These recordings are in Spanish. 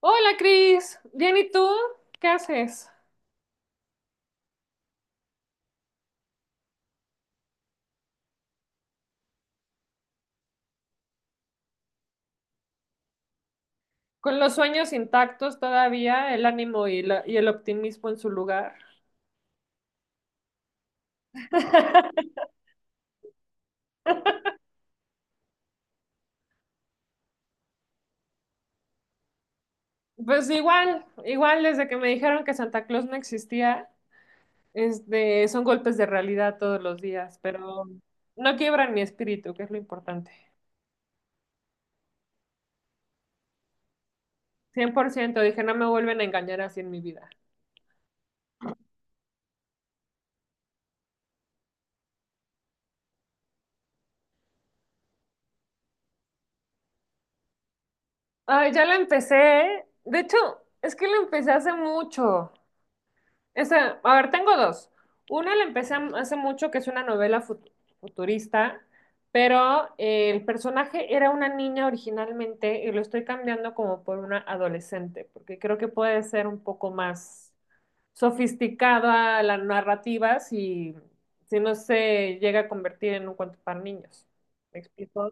Hola, Cris. Bien, ¿y tú? ¿Qué haces? Con los sueños intactos todavía, el ánimo y el optimismo en su lugar. Pues igual, igual desde que me dijeron que Santa Claus no existía, son golpes de realidad todos los días, pero no quiebran mi espíritu, que es lo importante. 100%, dije, no me vuelven a engañar así en mi vida. Ay, ya la empecé. De hecho, es que la empecé hace mucho. Esa, a ver, tengo dos. Una la empecé hace mucho, que es una novela futurista, pero el personaje era una niña originalmente y lo estoy cambiando como por una adolescente, porque creo que puede ser un poco más sofisticada la narrativa si no se llega a convertir en un cuento para niños. ¿Me explico?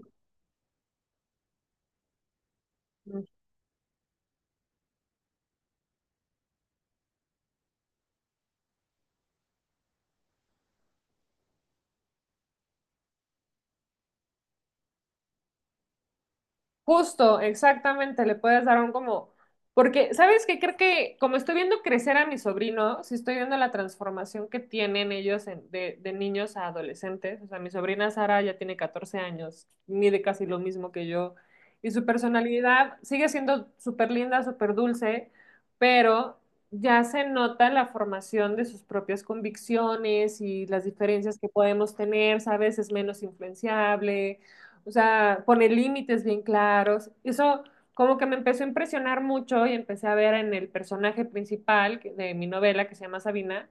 Justo, exactamente, le puedes dar un como, porque, ¿sabes qué? Creo que como estoy viendo crecer a mi sobrino, si estoy viendo la transformación que tienen ellos de niños a adolescentes, o sea, mi sobrina Sara ya tiene 14 años, mide casi lo mismo que yo, y su personalidad sigue siendo súper linda, súper dulce, pero ya se nota la formación de sus propias convicciones y las diferencias que podemos tener, ¿sabes? Es menos influenciable, o sea, pone límites bien claros. Eso como que me empezó a impresionar mucho y empecé a ver en el personaje principal de mi novela, que se llama Sabina,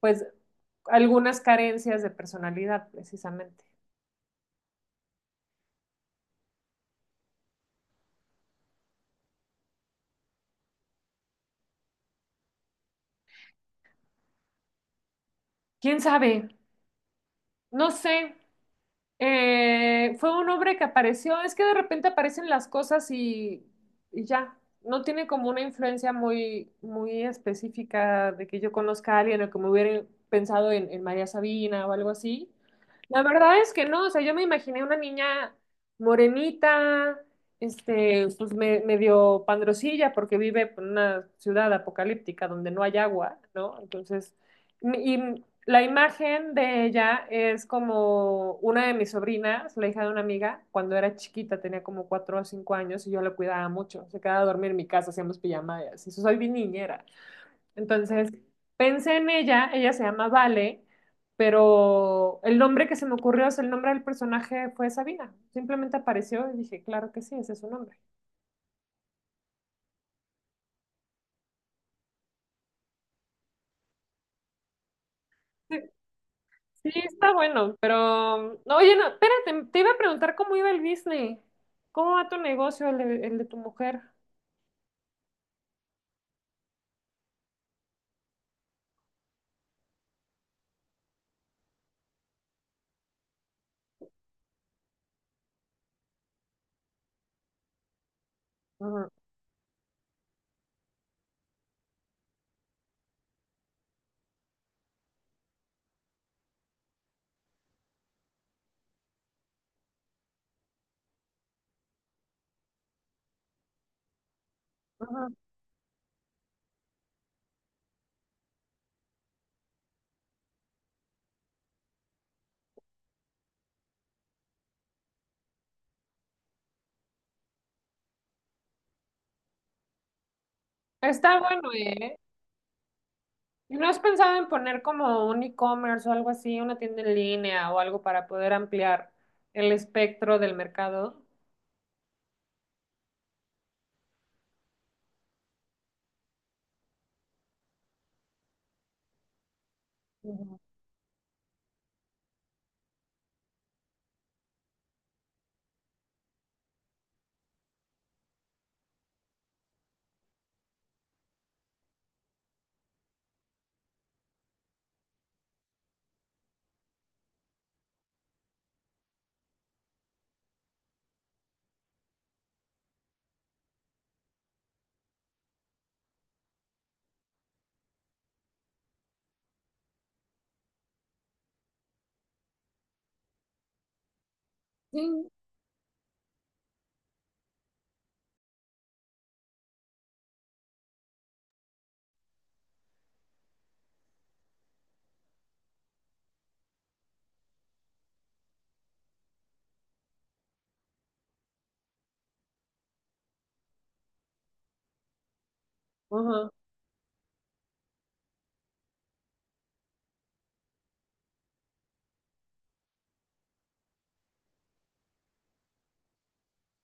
pues algunas carencias de personalidad, precisamente. ¿Quién sabe? No sé. Fue un hombre que apareció, es que de repente aparecen las cosas y ya, no tiene como una influencia muy, muy específica de que yo conozca a alguien o que me hubiera pensado en María Sabina o algo así. La verdad es que no, o sea, yo me imaginé una niña morenita, pues medio pandrosilla porque vive en una ciudad apocalíptica donde no hay agua, ¿no? Entonces, y la imagen de ella es como una de mis sobrinas, la hija de una amiga, cuando era chiquita, tenía como 4 o 5 años y yo la cuidaba mucho. Se quedaba a dormir en mi casa, hacíamos pijamadas. Y soy bien niñera. Entonces, pensé en ella, ella se llama Vale, pero el nombre que se me ocurrió, o sea, el nombre del personaje fue Sabina. Simplemente apareció y dije, claro que sí, ese es su nombre. Sí, está bueno, pero no, oye, no, espérate, te iba a preguntar cómo iba el business. ¿Cómo va tu negocio, el de tu mujer? Ajá, ajá. Está bueno, ¿eh? ¿Y no has pensado en poner como un e-commerce o algo así, una tienda en línea o algo para poder ampliar el espectro del mercado? Ujú. Sí. Ajá,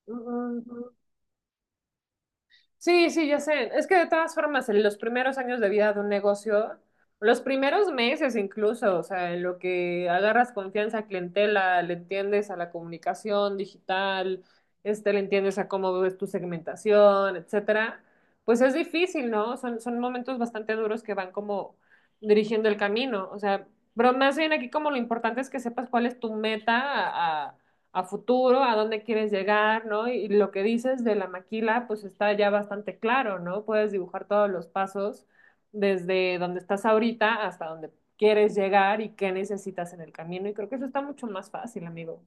ajá, ajá. Sí, sí, ya sé. Es que de todas formas, en los primeros años de vida de un negocio, los primeros meses incluso, o sea, en lo que agarras confianza a clientela, le entiendes a la comunicación digital, le entiendes a cómo ves tu segmentación, etcétera, pues es difícil, ¿no? Son momentos bastante duros que van como dirigiendo el camino, o sea, pero más bien aquí como lo importante es que sepas cuál es tu meta a, a futuro, a dónde quieres llegar, ¿no? Y lo que dices de la maquila, pues está ya bastante claro, ¿no? Puedes dibujar todos los pasos desde donde estás ahorita hasta donde quieres llegar y qué necesitas en el camino. Y creo que eso está mucho más fácil, amigo.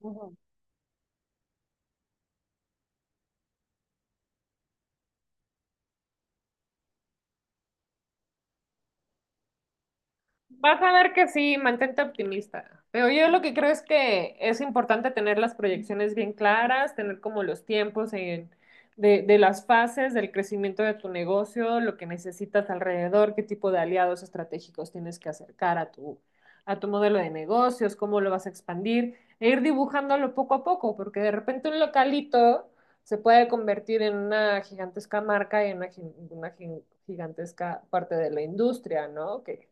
Ujú. Vas a ver que sí, mantente optimista. Pero yo lo que creo es que es importante tener las proyecciones bien claras, tener como los tiempos de las fases del crecimiento de tu negocio, lo que necesitas alrededor, qué tipo de aliados estratégicos tienes que acercar a tu modelo de negocios, cómo lo vas a expandir, e ir dibujándolo poco a poco, porque de repente un localito se puede convertir en una gigantesca marca y en una gigantesca parte de la industria, ¿no?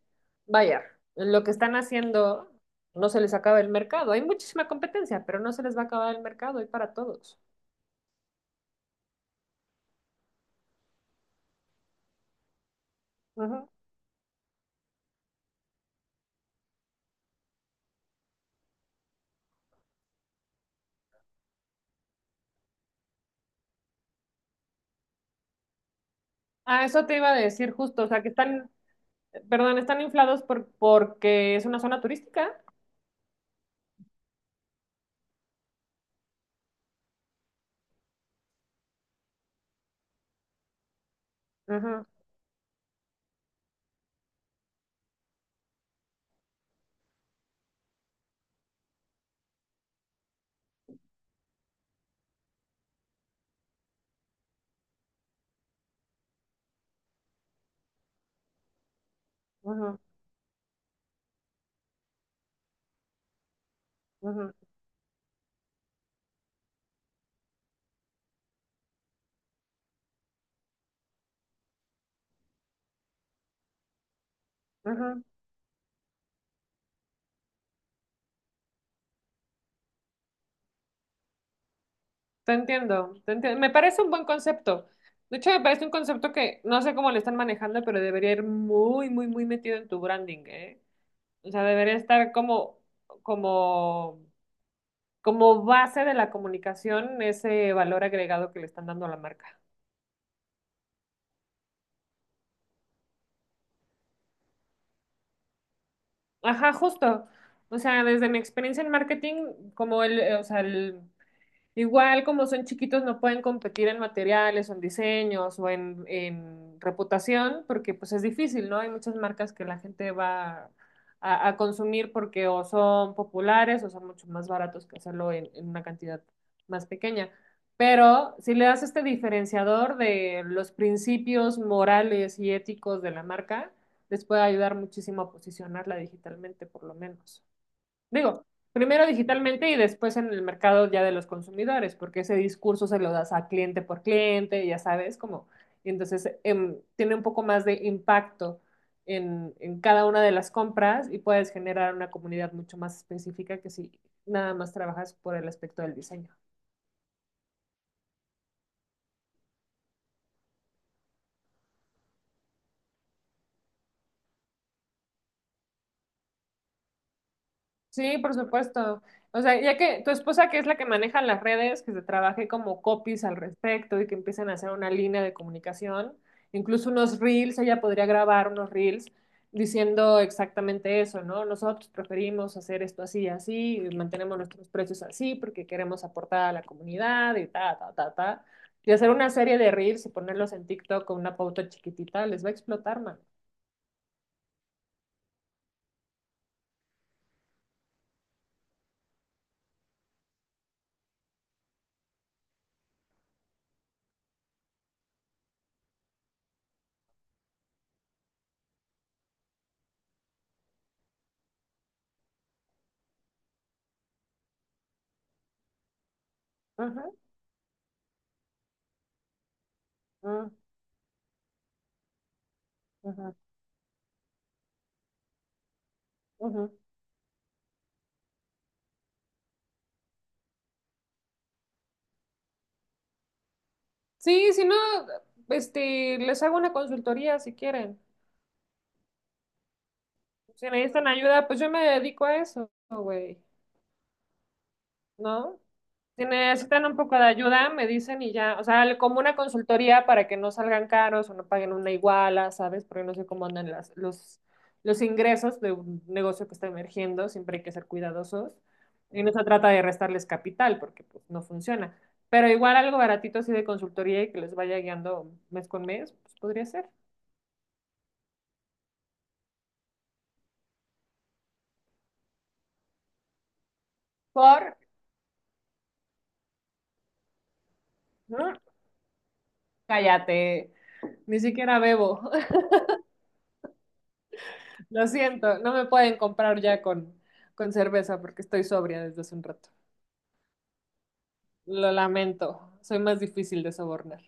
Vaya, lo que están haciendo no se les acaba el mercado. Hay muchísima competencia, pero no se les va a acabar el mercado, hay para todos. Ujú. Ah, eso te iba a decir justo, o sea, que están, perdón, están inflados porque es una zona turística. Ujú, ujú, ujú, ujú. Te entiendo, te entiendo. Me parece un buen concepto. De hecho, me parece un concepto que no sé cómo le están manejando, pero debería ir muy, muy, muy metido en tu branding, ¿eh? O sea, debería estar como, como como base de la comunicación ese valor agregado que le están dando a la marca. Ajá, justo. O sea, desde mi experiencia en marketing, como el, o sea, el, igual como son chiquitos no pueden competir en materiales o en diseños o en reputación porque pues es difícil, ¿no? Hay muchas marcas que la gente va a consumir porque o son populares o son mucho más baratos que hacerlo en una cantidad más pequeña. Pero si le das este diferenciador de los principios morales y éticos de la marca, les puede ayudar muchísimo a posicionarla digitalmente por lo menos. Digo, primero digitalmente y después en el mercado ya de los consumidores, porque ese discurso se lo das a cliente por cliente, ya sabes, como, y entonces tiene un poco más de impacto en cada una de las compras y puedes generar una comunidad mucho más específica que si nada más trabajas por el aspecto del diseño. Sí, por supuesto. O sea, ya que tu esposa, que es la que maneja las redes, que se trabaje como copies al respecto y que empiecen a hacer una línea de comunicación, incluso unos reels, ella podría grabar unos reels diciendo exactamente eso, ¿no? Nosotros preferimos hacer esto así y así, y mantenemos nuestros precios así porque queremos aportar a la comunidad y ta, ta, ta, ta. Y hacer una serie de reels y ponerlos en TikTok con una pauta chiquitita, les va a explotar, man. Ajá, ajá, ajá, ujú. Sí, si no, les hago una consultoría si quieren. Si necesitan ayuda, pues yo me dedico a eso, güey, ¿no? Si necesitan un poco de ayuda, me dicen y ya, o sea, como una consultoría para que no salgan caros o no paguen una iguala, ¿sabes? Porque no sé cómo andan las, los ingresos de un negocio que está emergiendo, siempre hay que ser cuidadosos. Y no se trata de restarles capital porque pues no funciona. Pero igual algo baratito así de consultoría y que les vaya guiando mes con mes, pues podría ser. Por No, cállate, ni siquiera bebo. Lo siento, no me pueden comprar ya con cerveza porque estoy sobria desde hace un rato. Lo lamento, soy más difícil de sobornar.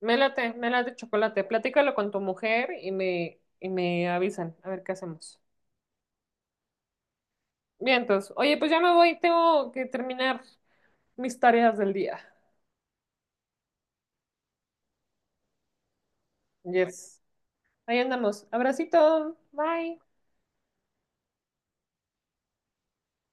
Me late chocolate. Platícalo con tu mujer y me avisan a ver qué hacemos. Bien, entonces, oye, pues ya me voy, tengo que terminar mis tareas del día. Yes. Ahí andamos. Abracito, bye.